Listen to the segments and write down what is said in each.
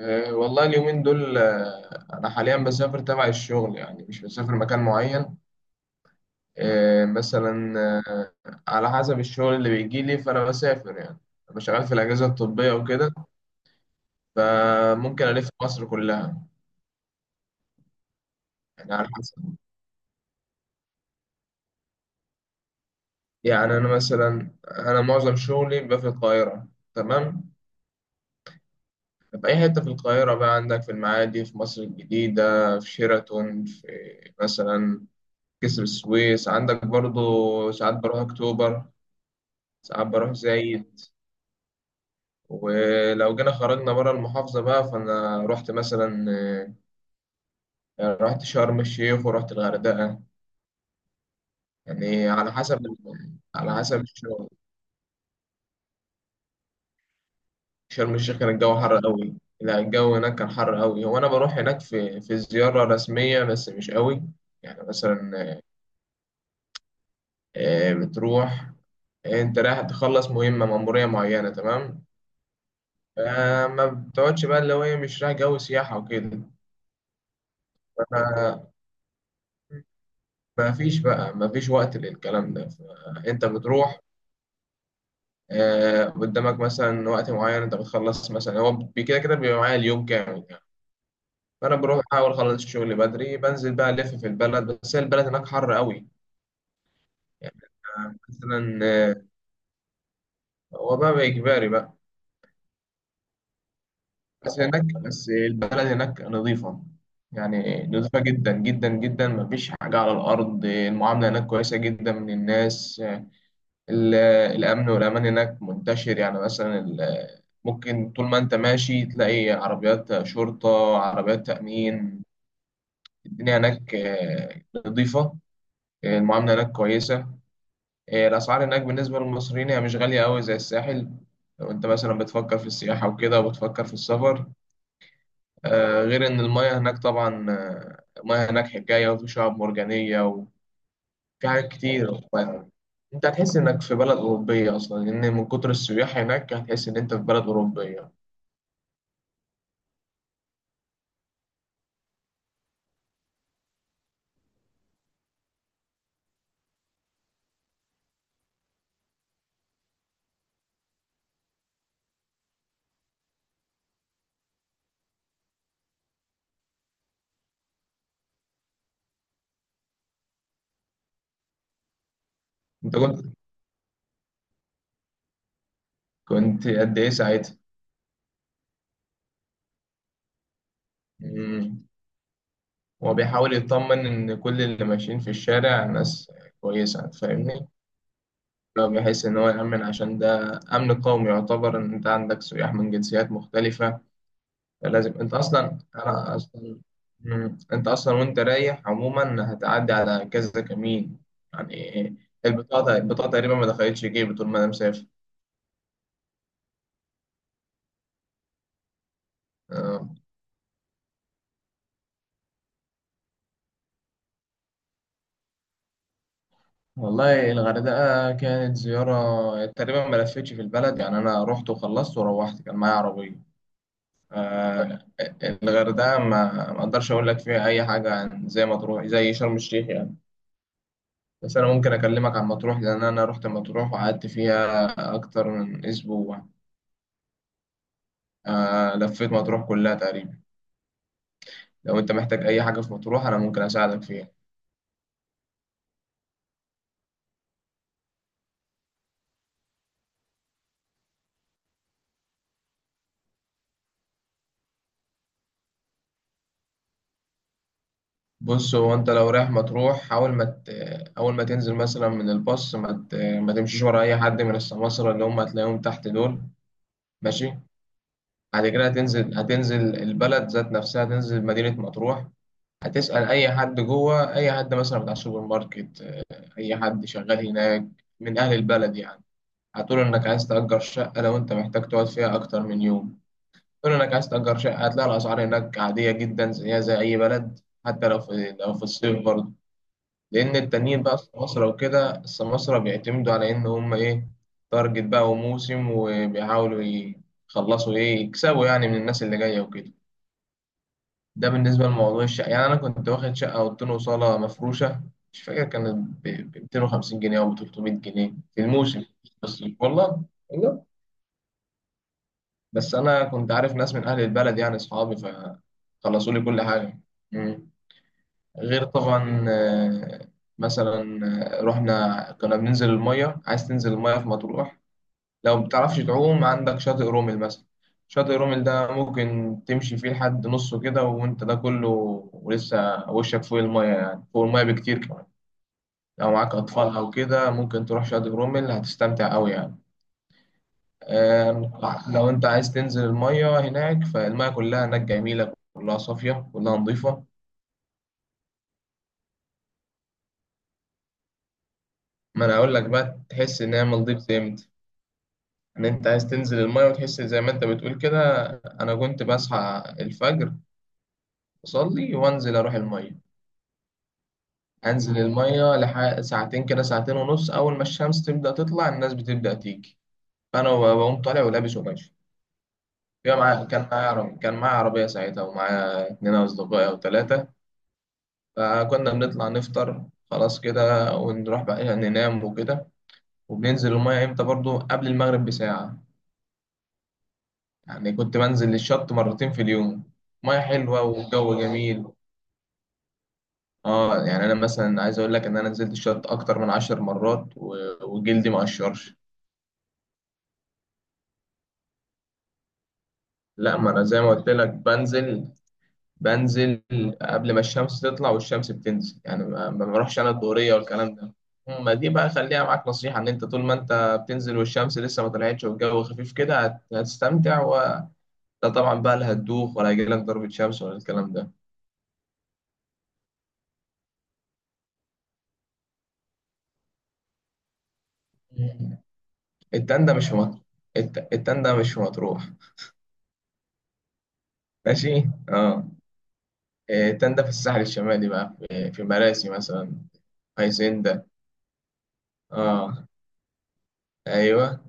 أه، والله اليومين دول، أنا حاليا بسافر تبع الشغل، يعني مش بسافر مكان معين. أه، مثلا. أه، على حسب الشغل اللي بيجي لي، فأنا بسافر يعني. أنا شغال في الأجهزة الطبية وكده. فممكن ألف مصر كلها. يعني على حسب. يعني أنا مثلا أنا معظم شغلي بيبقى في القاهرة. تمام. في أي حتة في القاهرة، بقى عندك في المعادي، في مصر الجديدة، في شيراتون، في مثلا كسر السويس عندك برضو. ساعات بروح أكتوبر، ساعات بروح زايد. ولو جينا خرجنا بره المحافظة بقى، فأنا رحت مثلا رحت شرم الشيخ ورحت الغردقة، يعني على حسب. على حسب الشغل. شرم الشيخ كان الجو حر قوي. لا، الجو هناك كان حر قوي. هو أنا بروح هناك في زيارة رسمية، بس مش قوي يعني، مثلا بتروح. انت رايح تخلص مهمة، مأمورية معينة، تمام. فما بتقعدش بقى، اللي هو ايه، مش رايح جو سياحة وكده. ما فيش وقت للكلام ده. فانت بتروح. قدامك مثلا وقت معين، انت بتخلص مثلا، هو كده كده بيبقى معايا اليوم كامل يعني. فانا بروح احاول اخلص شغلي بدري، بنزل بقى الف في البلد، بس هي البلد هناك حر قوي يعني. مثلا. هو بقى اجباري بقى. بس البلد هناك نظيفه، يعني نظيفه جدا جدا جدا. ما فيش حاجه على الارض. المعامله هناك كويسه جدا من الناس. ال- الأمن والأمان هناك منتشر. يعني مثلا ممكن طول ما أنت ماشي تلاقي عربيات شرطة، عربيات تأمين. الدنيا هناك نظيفة. المعاملة هناك كويسة. الأسعار هناك بالنسبة للمصريين هي مش غالية أوي زي الساحل، لو أنت مثلا بتفكر في السياحة وكده وبتفكر في السفر. غير إن المياه هناك طبعا، المياه هناك حكاية، وفي شعاب مرجانية. في حاجات كتير. انت هتحس انك في بلد اوروبيه اصلا، لان من كتر السياح هناك هتحس ان انت في بلد اوروبيه. انت كنت كنت قد ايه ساعتها؟ مم. هو بيحاول يطمن ان كل اللي ماشيين في الشارع ناس كويسه، فاهمني؟ فبيحس ان هو يامن، عشان ده امن قومي، يعتبر ان انت عندك سياح من جنسيات مختلفه. لازم انت اصلا، انا اصلا. انت اصلا وانت رايح عموما هتعدي على كذا كمين يعني. البطاقه تقريبا ما دخلتش جيبي طول ما انا مسافر. آه. والله الغردقه كانت زياره تقريبا، ما لفتش في البلد يعني. انا رحت وخلصت وروحت، كان معايا عربيه. آه. الغردقه ما اقدرش اقول لك فيها اي حاجه، عن زي مطروح، زي شرم الشيخ يعني. بس انا ممكن اكلمك عن مطروح، لان انا رحت مطروح وقعدت فيها اكتر من اسبوع. آه، لفيت مطروح كلها تقريبا. لو انت محتاج اي حاجه في مطروح، انا ممكن اساعدك فيها. بص، هو انت لو رايح مطروح حاول ما ت... اول ما تنزل مثلا من الباص، ما تمشيش ورا اي حد من السماسرة اللي هم هتلاقيهم تحت دول. ماشي. بعد كده هتنزل البلد ذات نفسها، هتنزل مدينه مطروح. هتسأل اي حد جوه، اي حد مثلا بتاع السوبر ماركت، اي حد شغال هناك من اهل البلد يعني. هتقول انك عايز تأجر شقه، لو انت محتاج تقعد فيها اكتر من يوم. قول انك عايز تأجر شقة، هتلاقي الأسعار هناك عادية جدا، زيها زي أي بلد، حتى لو في الصيف برضه. لأن التانيين بقى السماسرة وكده، السماسرة بيعتمدوا على إن هم إيه، تارجت بقى وموسم، وبيحاولوا يخلصوا إيه، يكسبوا يعني من الناس اللي جاية وكده. ده بالنسبة لموضوع الشقة. يعني أنا كنت واخد شقة أوضتين وصالة مفروشة، مش فاكر كانت ب 250 جنيه أو ب 300 جنيه في الموسم. بس والله، بس انا كنت عارف ناس من اهل البلد يعني، اصحابي، فخلصوا لي كل حاجه. مم. غير طبعا آه، مثلا آه، رحنا كنا بننزل الميه. عايز تنزل الميه في مطروح؟ لو ما بتعرفش تعوم، عندك شاطئ رومل مثلا. شاطئ رومل ده ممكن تمشي فيه لحد نصه كده وانت ده كله، ولسه وشك فوق الميه، يعني فوق الميه بكتير كمان. لو معاك اطفال او كده ممكن تروح شاطئ رومل، هتستمتع قوي يعني. آم، لو انت عايز تنزل المية هناك، فالمية كلها هناك جميلة، كلها صافية، كلها نظيفة. ما انا اقول لك بقى، تحس ان هي نظيفة امتى؟ ان انت عايز تنزل المية وتحس زي ما انت بتقول كده. انا كنت بصحى الفجر، اصلي وانزل اروح المية. انزل المية ساعتين كده، ساعتين ونص، اول ما الشمس تبدأ تطلع الناس بتبدأ تيجي، فانا بقوم طالع ولابس وماشي. كان معايا عربية ساعتها، ومعايا اتنين أصدقائي أو تلاتة. فكنا بنطلع نفطر، خلاص كده، ونروح بقى يعني ننام وكده. وبننزل المية امتى؟ برضو قبل المغرب بساعة. يعني كنت بنزل للشط مرتين في اليوم. مية حلوة والجو جميل. اه، يعني انا مثلا عايز اقول لك ان انا نزلت الشط اكتر من 10 مرات وجلدي ما قشرش. لا، ما انا زي ما قلت لك بنزل قبل ما الشمس تطلع والشمس بتنزل، يعني ما بروحش انا الدورية والكلام ده. ما دي بقى خليها معاك نصيحة، ان انت طول ما انت بتنزل والشمس لسه ما طلعتش والجو خفيف كده هتستمتع، وده طبعا بقى لا هتدوخ ولا هيجيلك ضربة شمس ولا الكلام ده. التندة مش في مطروح. التندة مش في مطروح، ماشي، اه. إيه، التندة في الساحل الشمالي بقى، في مراسي مثلا، هيسندا. اه، ايوه،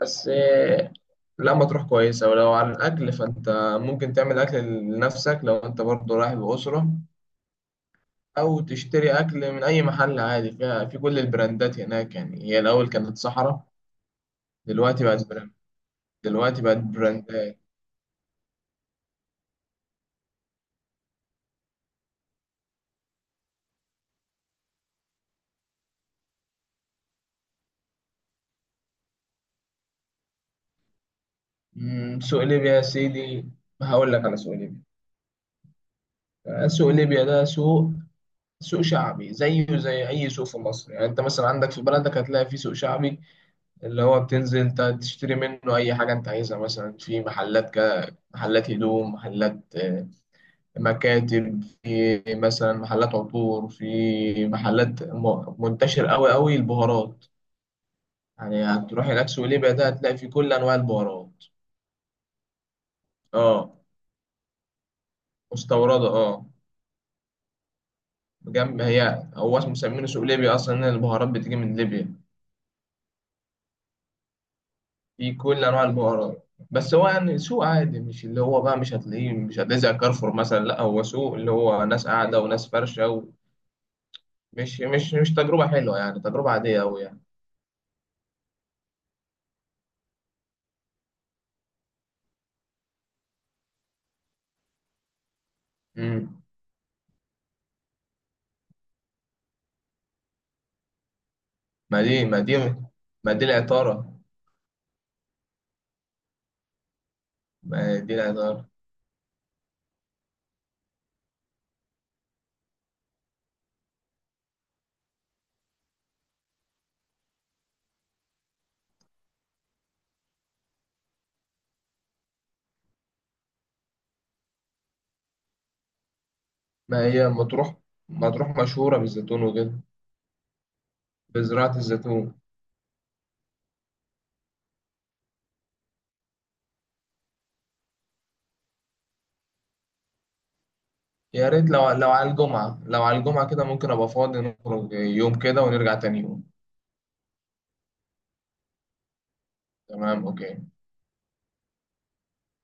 بس. لما تروح كويسة. ولو عن الأكل فأنت ممكن تعمل أكل لنفسك لو أنت برضه رايح بأسرة، أو تشتري أكل من أي محل عادي، فيها في كل البراندات هناك. يعني هي الأول كانت صحراء، دلوقتي بقت براند، دلوقتي بقت براندات. سوق ليبيا يا سيدي. هقول لك على سوق ليبيا. سوق ليبيا ده سوق، سوق شعبي زيه زي أي سوق في مصر. يعني أنت مثلا عندك في بلدك هتلاقي فيه سوق شعبي، اللي هو بتنزل تشتري منه أي حاجة أنت عايزها. مثلا في محلات، محلات هدوم، محلات مكاتب، في مثلا محلات عطور، في محلات منتشر أوي أوي البهارات. يعني هتروح هناك سوق ليبيا، ده هتلاقي في كل أنواع البهارات. اه، مستوردة، اه. جنب، هو اسمه مسمينه سوق ليبيا أصلا إن البهارات بتيجي من ليبيا. في كل أنواع البهارات. بس هو يعني سوق عادي، مش اللي هو بقى، مش هتلاقيه زي كارفور مثلا. لا، هو سوق اللي هو ناس قاعدة وناس فرشة، ومش مش مش تجربة حلوة يعني، تجربة عادية أوي يعني. مم. ما دي ما دي ما دي العطارة. ما دي العطارة ما هي مطروح، مطروح مشهورة بالزيتون وكده، بزراعة الزيتون. يا ريت لو لو على الجمعة لو على الجمعة كده ممكن أبقى فاضي، نخرج يوم كده ونرجع تاني يوم. تمام، أوكي.